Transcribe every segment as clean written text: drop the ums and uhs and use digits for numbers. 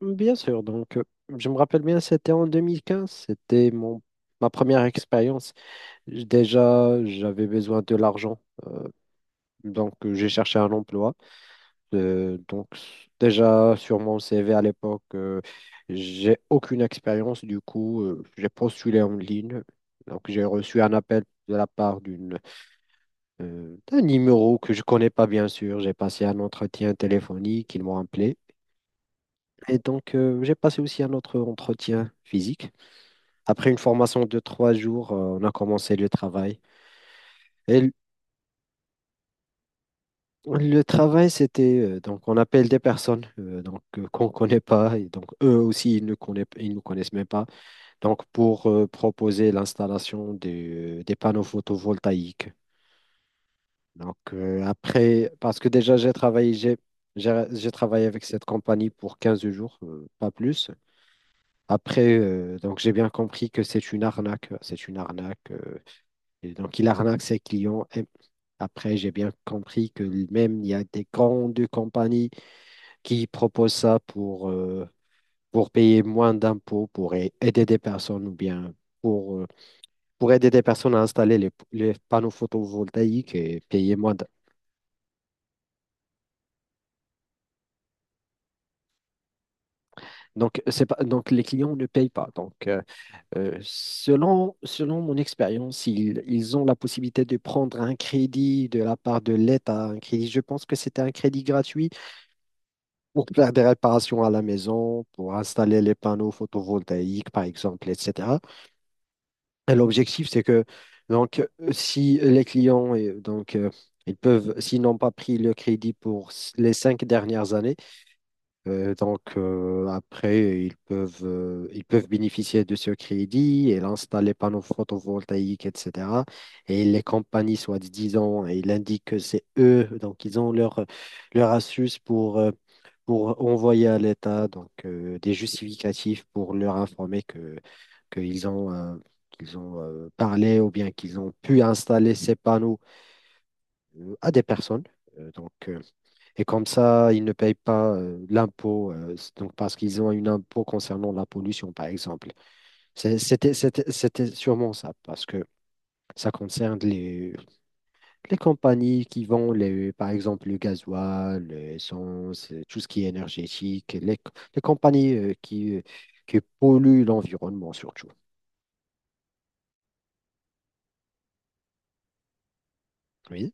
Bien sûr. Je me rappelle bien, c'était en 2015, c'était mon ma première expérience. Déjà, j'avais besoin de l'argent, j'ai cherché un emploi. Euh, donc s- déjà, sur mon CV à l'époque, j'ai aucune expérience, du coup j'ai postulé en ligne. Donc j'ai reçu un appel de la part d'un numéro que je connais pas, bien sûr. J'ai passé un entretien téléphonique, ils m'ont appelé. J'ai passé aussi un autre entretien physique. Après une formation de trois jours, on a commencé le travail. Et l- le travail, c'était, on appelle des personnes qu'on ne connaît pas. Et donc, eux aussi, ils nous connaissent même pas. Donc, pour proposer l'installation des panneaux photovoltaïques. Donc, parce que déjà, j'ai travaillé avec cette compagnie pour 15 jours, pas plus. Après, j'ai bien compris que c'est une arnaque. Il arnaque ses clients. Et après, j'ai bien compris que même il y a des grandes compagnies qui proposent ça pour payer moins d'impôts, pour aider des personnes ou bien pour, euh, pour aider des personnes à installer les panneaux photovoltaïques et payer moins d'impôts. Donc, c'est pas, donc, les clients ne payent pas. Selon mon expérience, ils ont la possibilité de prendre un crédit de la part de l'État, un crédit, je pense que c'était un crédit gratuit pour faire des réparations à la maison, pour installer les panneaux photovoltaïques, par exemple, etc. Et l'objectif, c'est que si les clients, s'ils n'ont pas pris le crédit pour les cinq dernières années, ils peuvent bénéficier de ce crédit et installer panneaux photovoltaïques, etc. Et les compagnies, soit disant, ils indiquent que c'est eux, donc ils ont leur astuce pour envoyer à l'État des justificatifs pour leur informer qu'ils ont, euh, qu'ils ont, parlé ou bien qu'ils ont pu installer ces panneaux à des personnes. Euh, donc, euh, et comme ça, ils ne payent pas l'impôt, parce qu'ils ont une impôt concernant la pollution, par exemple. C'était sûrement ça, parce que ça concerne les compagnies qui vendent, les, par exemple, le gasoil, l'essence, tout ce qui est énergétique, les compagnies qui polluent l'environnement surtout. Oui,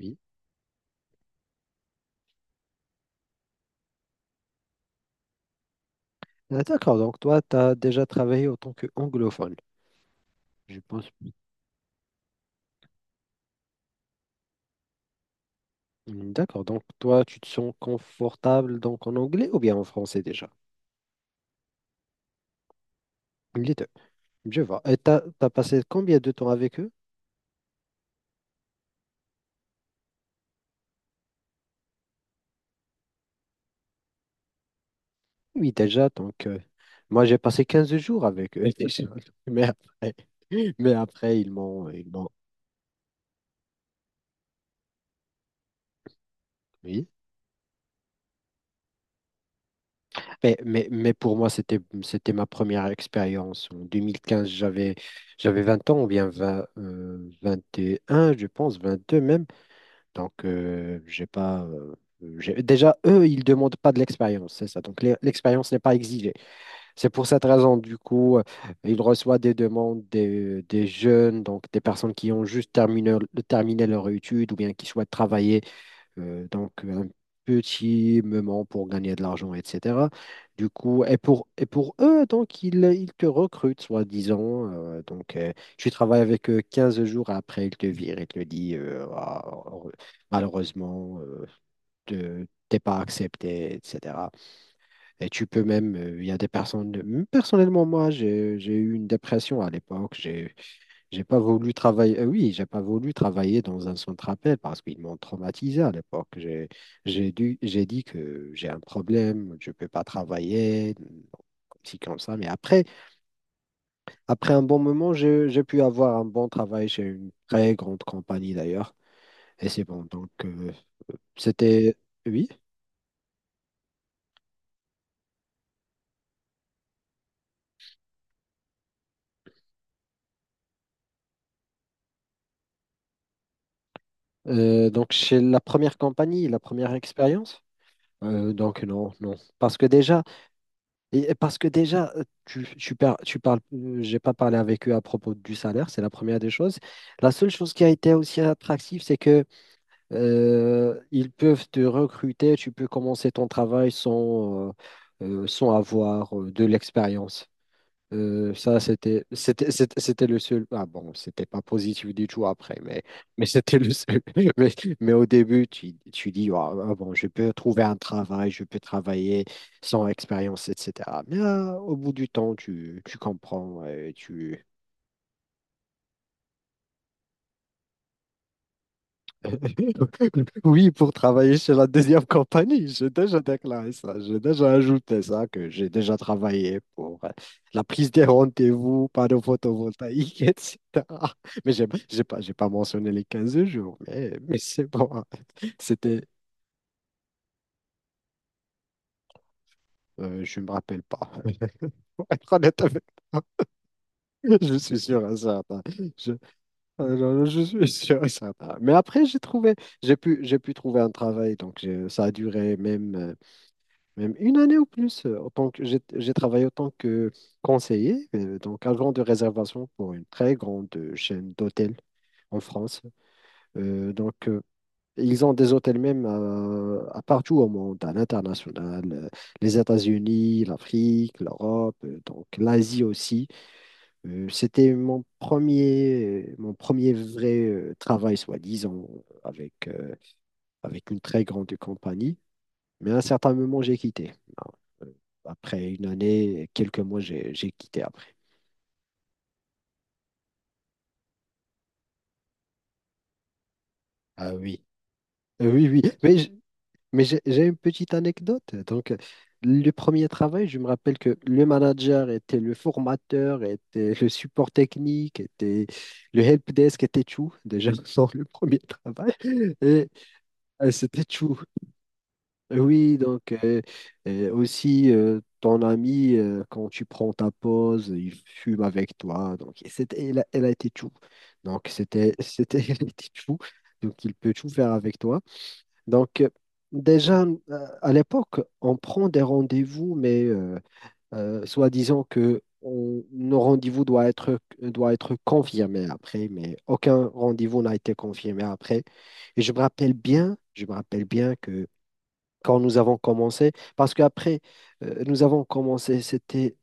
oui. Ah, d'accord, donc toi, tu as déjà travaillé en tant qu'anglophone. Je pense. Mmh, d'accord, donc toi, tu te sens confortable donc en anglais ou bien en français déjà? Les deux. Je vois. Et t'as passé combien de temps avec eux? Oui, déjà, donc Moi j'ai passé 15 jours avec eux déjà. Mais après, mais après ils m'ont oui. Mais pour moi, c'était ma première expérience. En 2015, j'avais 20 ans ou bien 20, 21, je pense, 22 même. Donc, j'ai pas. J'ai- Déjà, eux, ils ne demandent pas de l'expérience, c'est ça. Donc, l'expérience n'est pas exigée. C'est pour cette raison, du coup, ils reçoivent des demandes des jeunes, donc des personnes qui ont terminé leur étude ou bien qui souhaitent travailler un petit moment pour gagner de l'argent, etc. Du coup, et pour eux, donc, ils te recrutent, soi-disant. Tu travailles avec eux 15 jours après, ils te virent, ils te disent, malheureusement, t'es pas accepté, etc. Et tu peux même, il y a des personnes, personnellement, moi, j'ai eu une dépression à l'époque. J'ai pas voulu travailler, j'ai pas voulu travailler dans un centre appel parce qu'ils m'ont traumatisé à l'époque. J'ai dit que j'ai un problème, je peux pas travailler, comme ci, comme ça. Mais après, après un bon moment, j'ai pu avoir un bon travail chez une très grande compagnie d'ailleurs. Et c'est bon. C'était, oui. Chez la première compagnie, la première expérience, non, non. Parce que déjà, et parce que déjà, euh, tu parles, j'ai pas parlé avec eux à propos du salaire, c'est la première des choses. La seule chose qui a été aussi attractive, c'est que ils peuvent te recruter, tu peux commencer ton travail sans, sans avoir de l'expérience. Ça, c'était le seul. Ah bon, c'était pas positif du tout après, mais c'était le seul. Mais, mais au début, tu dis, ah bon, je peux trouver un travail, je peux travailler sans expérience, etc. Mais ah, au bout du temps, tu comprends, et tu, oui, pour travailler chez la deuxième compagnie, j'ai déjà ajouté ça, que j'ai déjà travaillé pour la prise des rendez-vous, panneaux photovoltaïques, etc. Mais j'ai pas mentionné les 15 jours, mais c'est bon, hein. c'était, je me rappelle pas, pour être honnête avec vous, je suis sûr et certain, je, non, non, je suis sûr et certain. Mais après, j'ai pu trouver un travail, ça a duré même. Même une année ou plus. En tant que j'ai travaillé en tant que conseiller, agent de réservation pour une très grande chaîne d'hôtels en France. Euh, donc euh, Ils ont des hôtels même à partout au monde, à l'international, les États-Unis, l'Afrique, l'Europe, l'Asie aussi. C'était mon premier vrai travail, soi-disant, avec euh, avec une très grande compagnie. Mais à un certain moment, j'ai quitté. Euh, Après une année, quelques mois, j'ai quitté après. Ah oui. Oui, oui, mais j'ai une petite anecdote. Le premier travail, je me rappelle que le manager était le formateur, était le support technique, était le help desk, était tout déjà dans le premier travail. Et C'était tout. Oui, donc aussi ton ami, quand tu prends ta pause, il fume avec toi. Donc, elle a été tout. Donc, c'était, c'était, elle a été tout. Donc, il peut tout faire avec toi. Donc, euh, déjà, euh, à l'époque, on prend des rendez-vous, mais soi-disant que nos rendez-vous doit être confirmés après, mais aucun rendez-vous n'a été confirmé après. Et je me rappelle bien quand nous avons commencé, parce qu'après, nous avons commencé, c'était,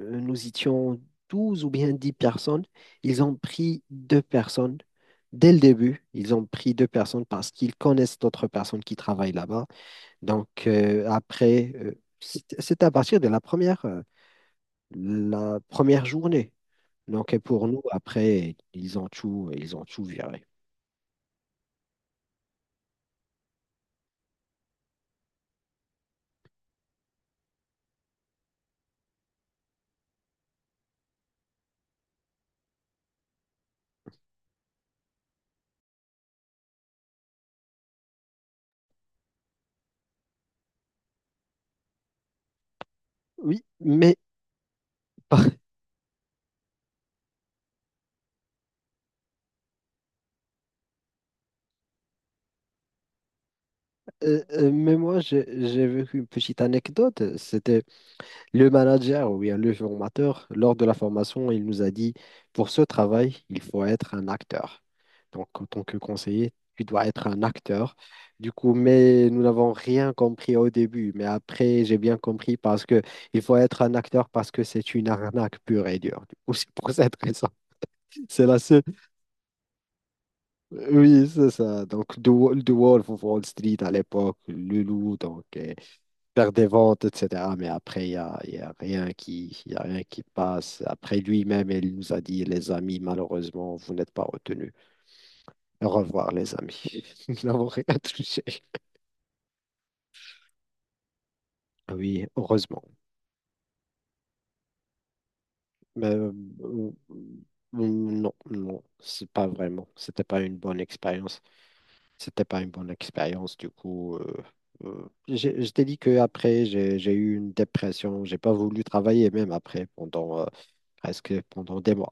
euh, nous étions 12 ou bien 10 personnes. Ils ont pris deux personnes. Dès le début, ils ont pris deux personnes parce qu'ils connaissent d'autres personnes qui travaillent là-bas. Donc après, c'est à partir de la première journée. Donc, et pour nous, après, ils ont tout viré. Oui, mais, par- moi, j'ai vécu une petite anecdote. C'était Le manager, oui, le formateur, lors de la formation, il nous a dit, pour ce travail, il faut être un acteur. Donc, en tant que conseiller, tu dois être un acteur. Du coup, mais nous n'avons rien compris au début, mais après, j'ai bien compris parce que il faut être un acteur parce que c'est une arnaque pure et dure. Du coup, c'est pour cette raison. C'est la seule. Oui, c'est ça. Donc, The Wolf of Wall Street à l'époque, le loup, faire des ventes, etc. Mais après, il y a rien qui passe. Après, lui-même, il nous a dit, les amis, malheureusement, vous n'êtes pas retenus. Au revoir, les amis. Nous n'avons rien touché. Ah oui, heureusement. Mais euh, non, non, c'est pas vraiment. C'était pas une bonne expérience. C'était pas une bonne expérience, du coup. Je t'ai dit qu'après, j'ai eu une dépression. J'ai pas voulu travailler même après pendant presque pendant des mois.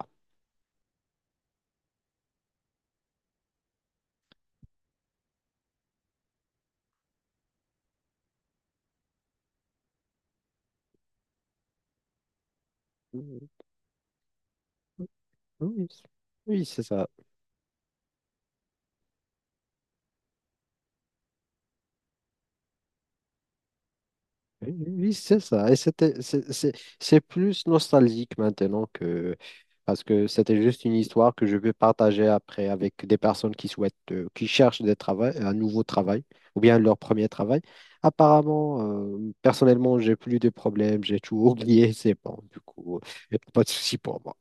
Oui, oui, c'est ça. Oui, oui, c'est ça. Et c'est plus nostalgique maintenant que... Parce que c'était juste une histoire que je veux partager après avec des personnes qui souhaitent, qui cherchent des travail, un nouveau travail ou bien leur premier travail. Apparemment, personnellement, j'ai plus de problèmes, j'ai tout oublié, c'est bon. Du coup, pas de souci pour moi.